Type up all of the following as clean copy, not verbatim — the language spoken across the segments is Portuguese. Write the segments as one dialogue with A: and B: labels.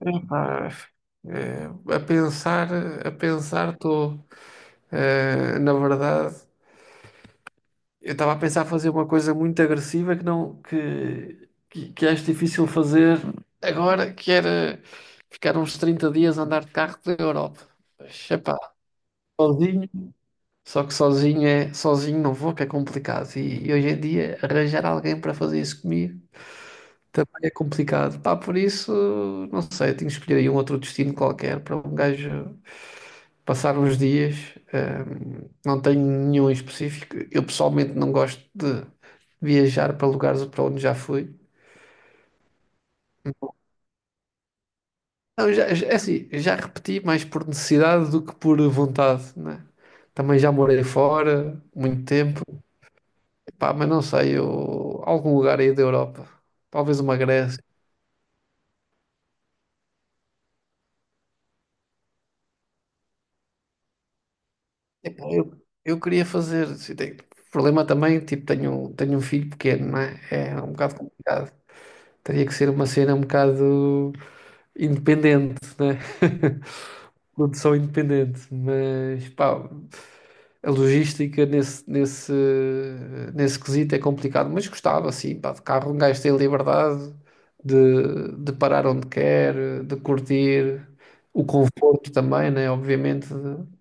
A: Epá, eh, a pensar, a pensar estou, na verdade, eu estava a pensar fazer uma coisa muito agressiva que não que, que acho difícil fazer agora, que era ficar uns 30 dias a andar de carro pela Europa. Mas, epá, sozinho. Só que sozinho é, sozinho não vou, que é complicado. E hoje em dia arranjar alguém para fazer isso comigo também é complicado. Pá, por isso, não sei, tenho que escolher aí um outro destino qualquer para um gajo passar uns dias. Não tenho nenhum em específico. Eu pessoalmente não gosto de viajar para lugares para onde já fui. Não, é assim, já repeti mais por necessidade do que por vontade, né? Também já morei fora muito tempo. Pá, mas não sei, eu, algum lugar aí da Europa, talvez uma Grécia. Epá, eu queria fazer. O problema também, tipo, tenho um filho pequeno, não é? É um bocado complicado. Teria que ser uma cena um bocado independente, né? Produção independente, mas pá, a logística nesse quesito é complicado, mas gostava assim, pá, de carro um gajo tem liberdade de parar onde quer, de curtir, o conforto também, né? Obviamente, de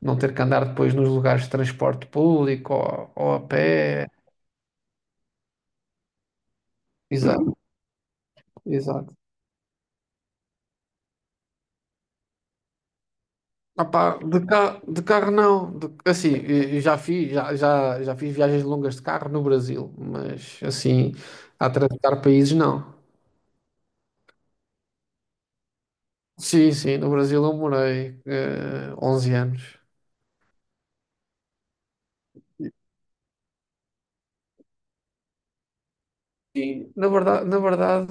A: não ter que andar depois nos lugares de transporte público ou a pé, exato, exato. Opá, de carro não. Assim, eu já fiz, já fiz viagens longas de carro no Brasil, mas assim, a atravessar países não. Sim, sim, no Brasil eu morei 11 anos. E na verdade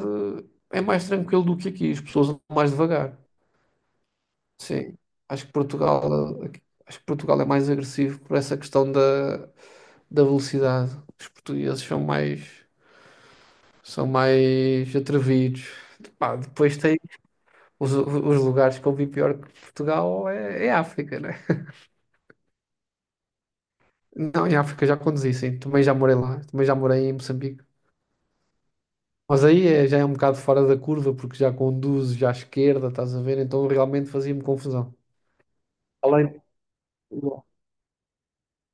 A: é mais tranquilo do que aqui, as pessoas andam mais devagar. Sim, acho que Portugal, eh, acho que Portugal é mais agressivo por essa questão da velocidade. Os portugueses são mais atrevidos. Pá, depois tem os os, lugares que eu vi pior que Portugal é África, né? Não, em África já conduzi, sim. Também já morei lá. Também já morei em Moçambique. Mas já é um bocado fora da curva, porque já conduzo já à esquerda, estás a ver? Então realmente fazia-me confusão. Além.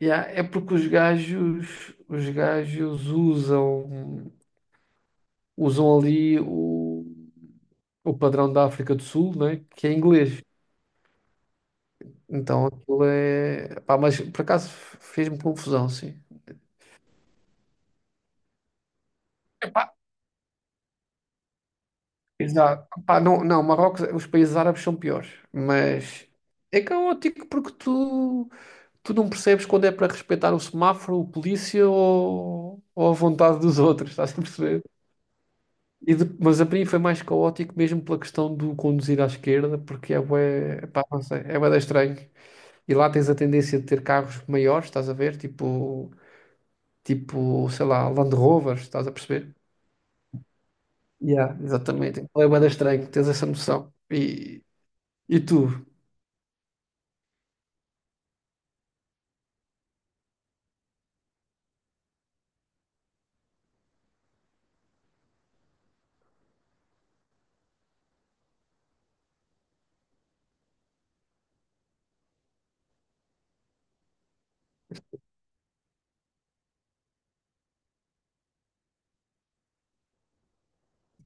A: Yeah, é porque os gajos usam ali o padrão da África do Sul, né? Que é inglês. Então aquilo é. Pá, mas por acaso fez-me confusão, sim. Exato. Pá, não, não, Marrocos, os países árabes são piores, mas é caótico porque tu não percebes quando é para respeitar o semáforo, o polícia ou a vontade dos outros, estás a perceber? Mas a mim foi mais caótico mesmo pela questão do conduzir à esquerda, porque é bué, pá, não sei, é bué da estranho. E lá tens a tendência de ter carros maiores, estás a ver? Tipo, sei lá, Land Rovers, estás a perceber? Yeah, exatamente. É bué da estranho, tens essa noção. E tu?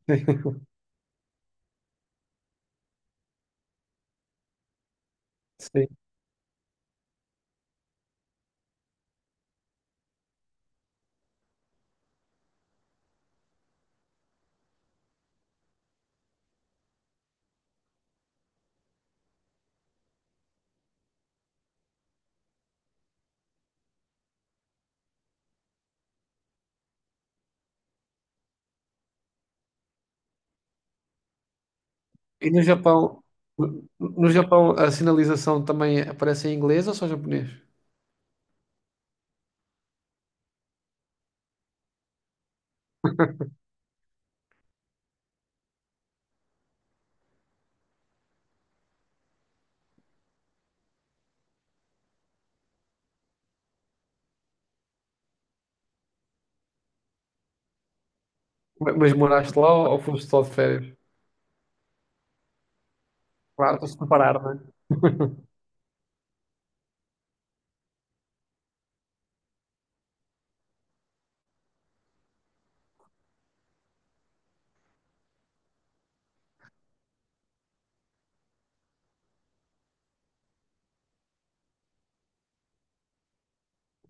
A: Sim. E no Japão, no Japão a sinalização também aparece em inglês ou só japonês? Mas moraste lá ou foste só de férias? Claro, para se comparar, não é?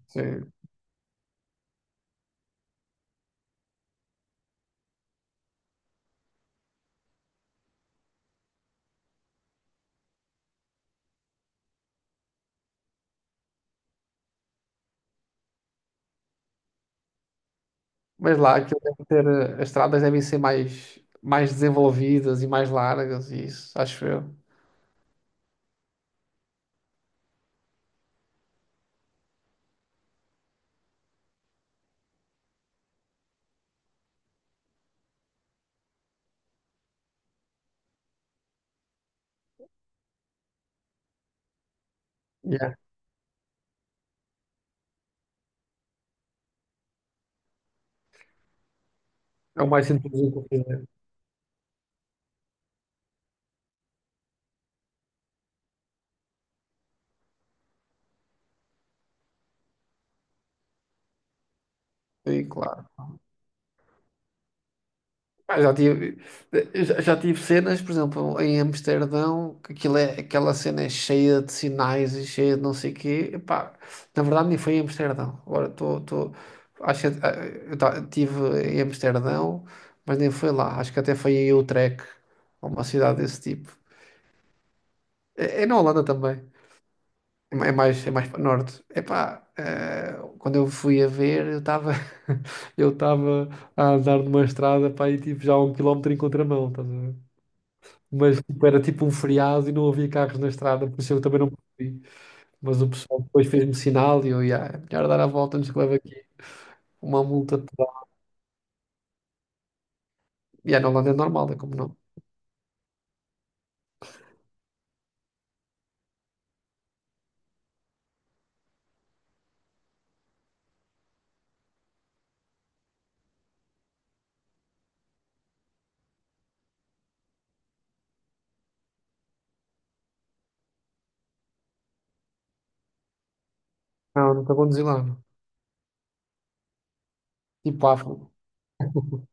A: Sim. Mas lá aquilo deve ter, as estradas devem ser mais desenvolvidas e mais largas, e isso, acho eu. Yeah. É o mais inteligente a fazer. Sim, claro. Pá, já tive cenas, por exemplo, em Amsterdão, que aquilo é, aquela cena é cheia de sinais e cheia de não sei o quê. Epá, na verdade, nem foi em Amsterdão. Acho que tive em Amsterdão, mas nem foi lá. Acho que até foi em Utrecht, ou uma cidade desse tipo. É na Holanda também. É é mais para norte. Epá, quando eu fui a ver, eu estava eu estava a andar numa estrada, para e tipo já a um quilómetro em contramão, estás a ver? Mas tipo, era tipo um feriado e não havia carros na estrada, por isso eu também não percebi. Mas o pessoal depois fez-me sinal e eu, yeah, é melhor dar a volta antes que leve aqui uma multa pedal. E yeah, na Holanda é normal, é como não. Não, nunca conduzi lá, não. Tipo afro.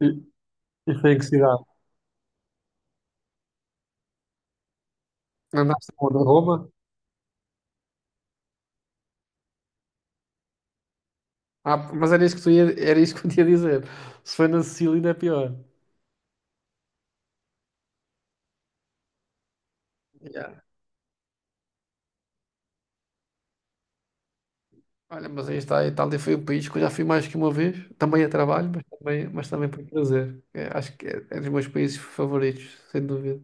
A: E, e foi em que cidade? Andaste onde? A Roma? Era isso que eu te ia dizer. Se foi na Sicília ainda é pior. Yeah. Olha, mas aí está, a Itália foi um país que eu já fui mais que uma vez, também a trabalho, mas também por prazer. É, acho que é dos meus países favoritos, sem dúvida.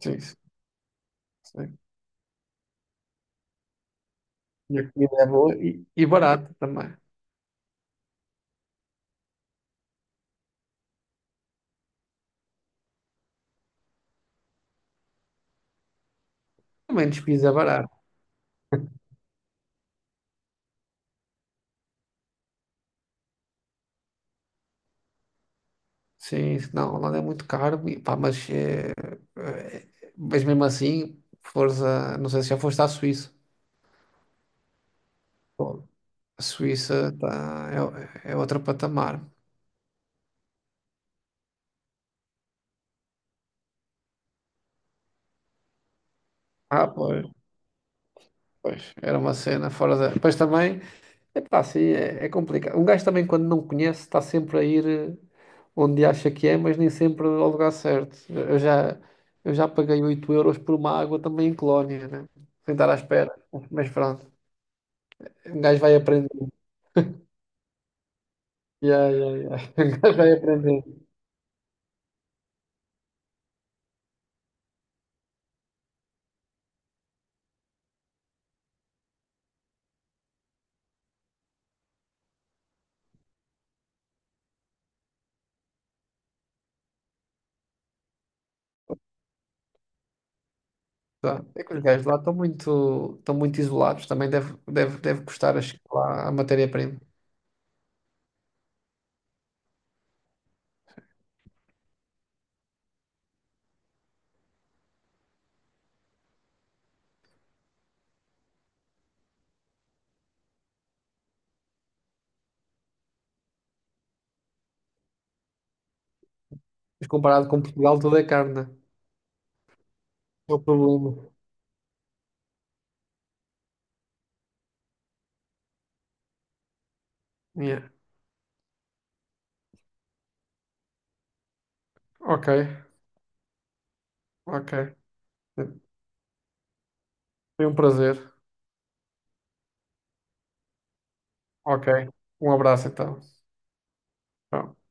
A: Sim, sim, sim. E a comida é boa e barata também. Também despesa é barato. Sim, não, a Holanda é muito caro, e pá, eh, mas mesmo assim, força, não sei se já foste à Suíça. Pô, a Suíça é, é outro patamar. Ah, pois, pois, era uma cena fora da. Pois também. Epá, sim, é, é complicado. Um gajo também, quando não conhece, está sempre a ir onde acha que é, mas nem sempre ao lugar certo. Eu já paguei 8 euros por uma água também em Colónia, né? Sem estar à espera. Mas pronto, um gajo vai aprendendo. Yeah, yeah, yeah. Um gajo vai aprendendo. Tá. É que os gajos lá estão muito isolados. Também deve custar a chegar lá a matéria-prima. Mas comparado com Portugal, tudo é carne. Né? É o problema. Yeah. Ok, ok. Foi um prazer. Ok. Um abraço então. Tchau.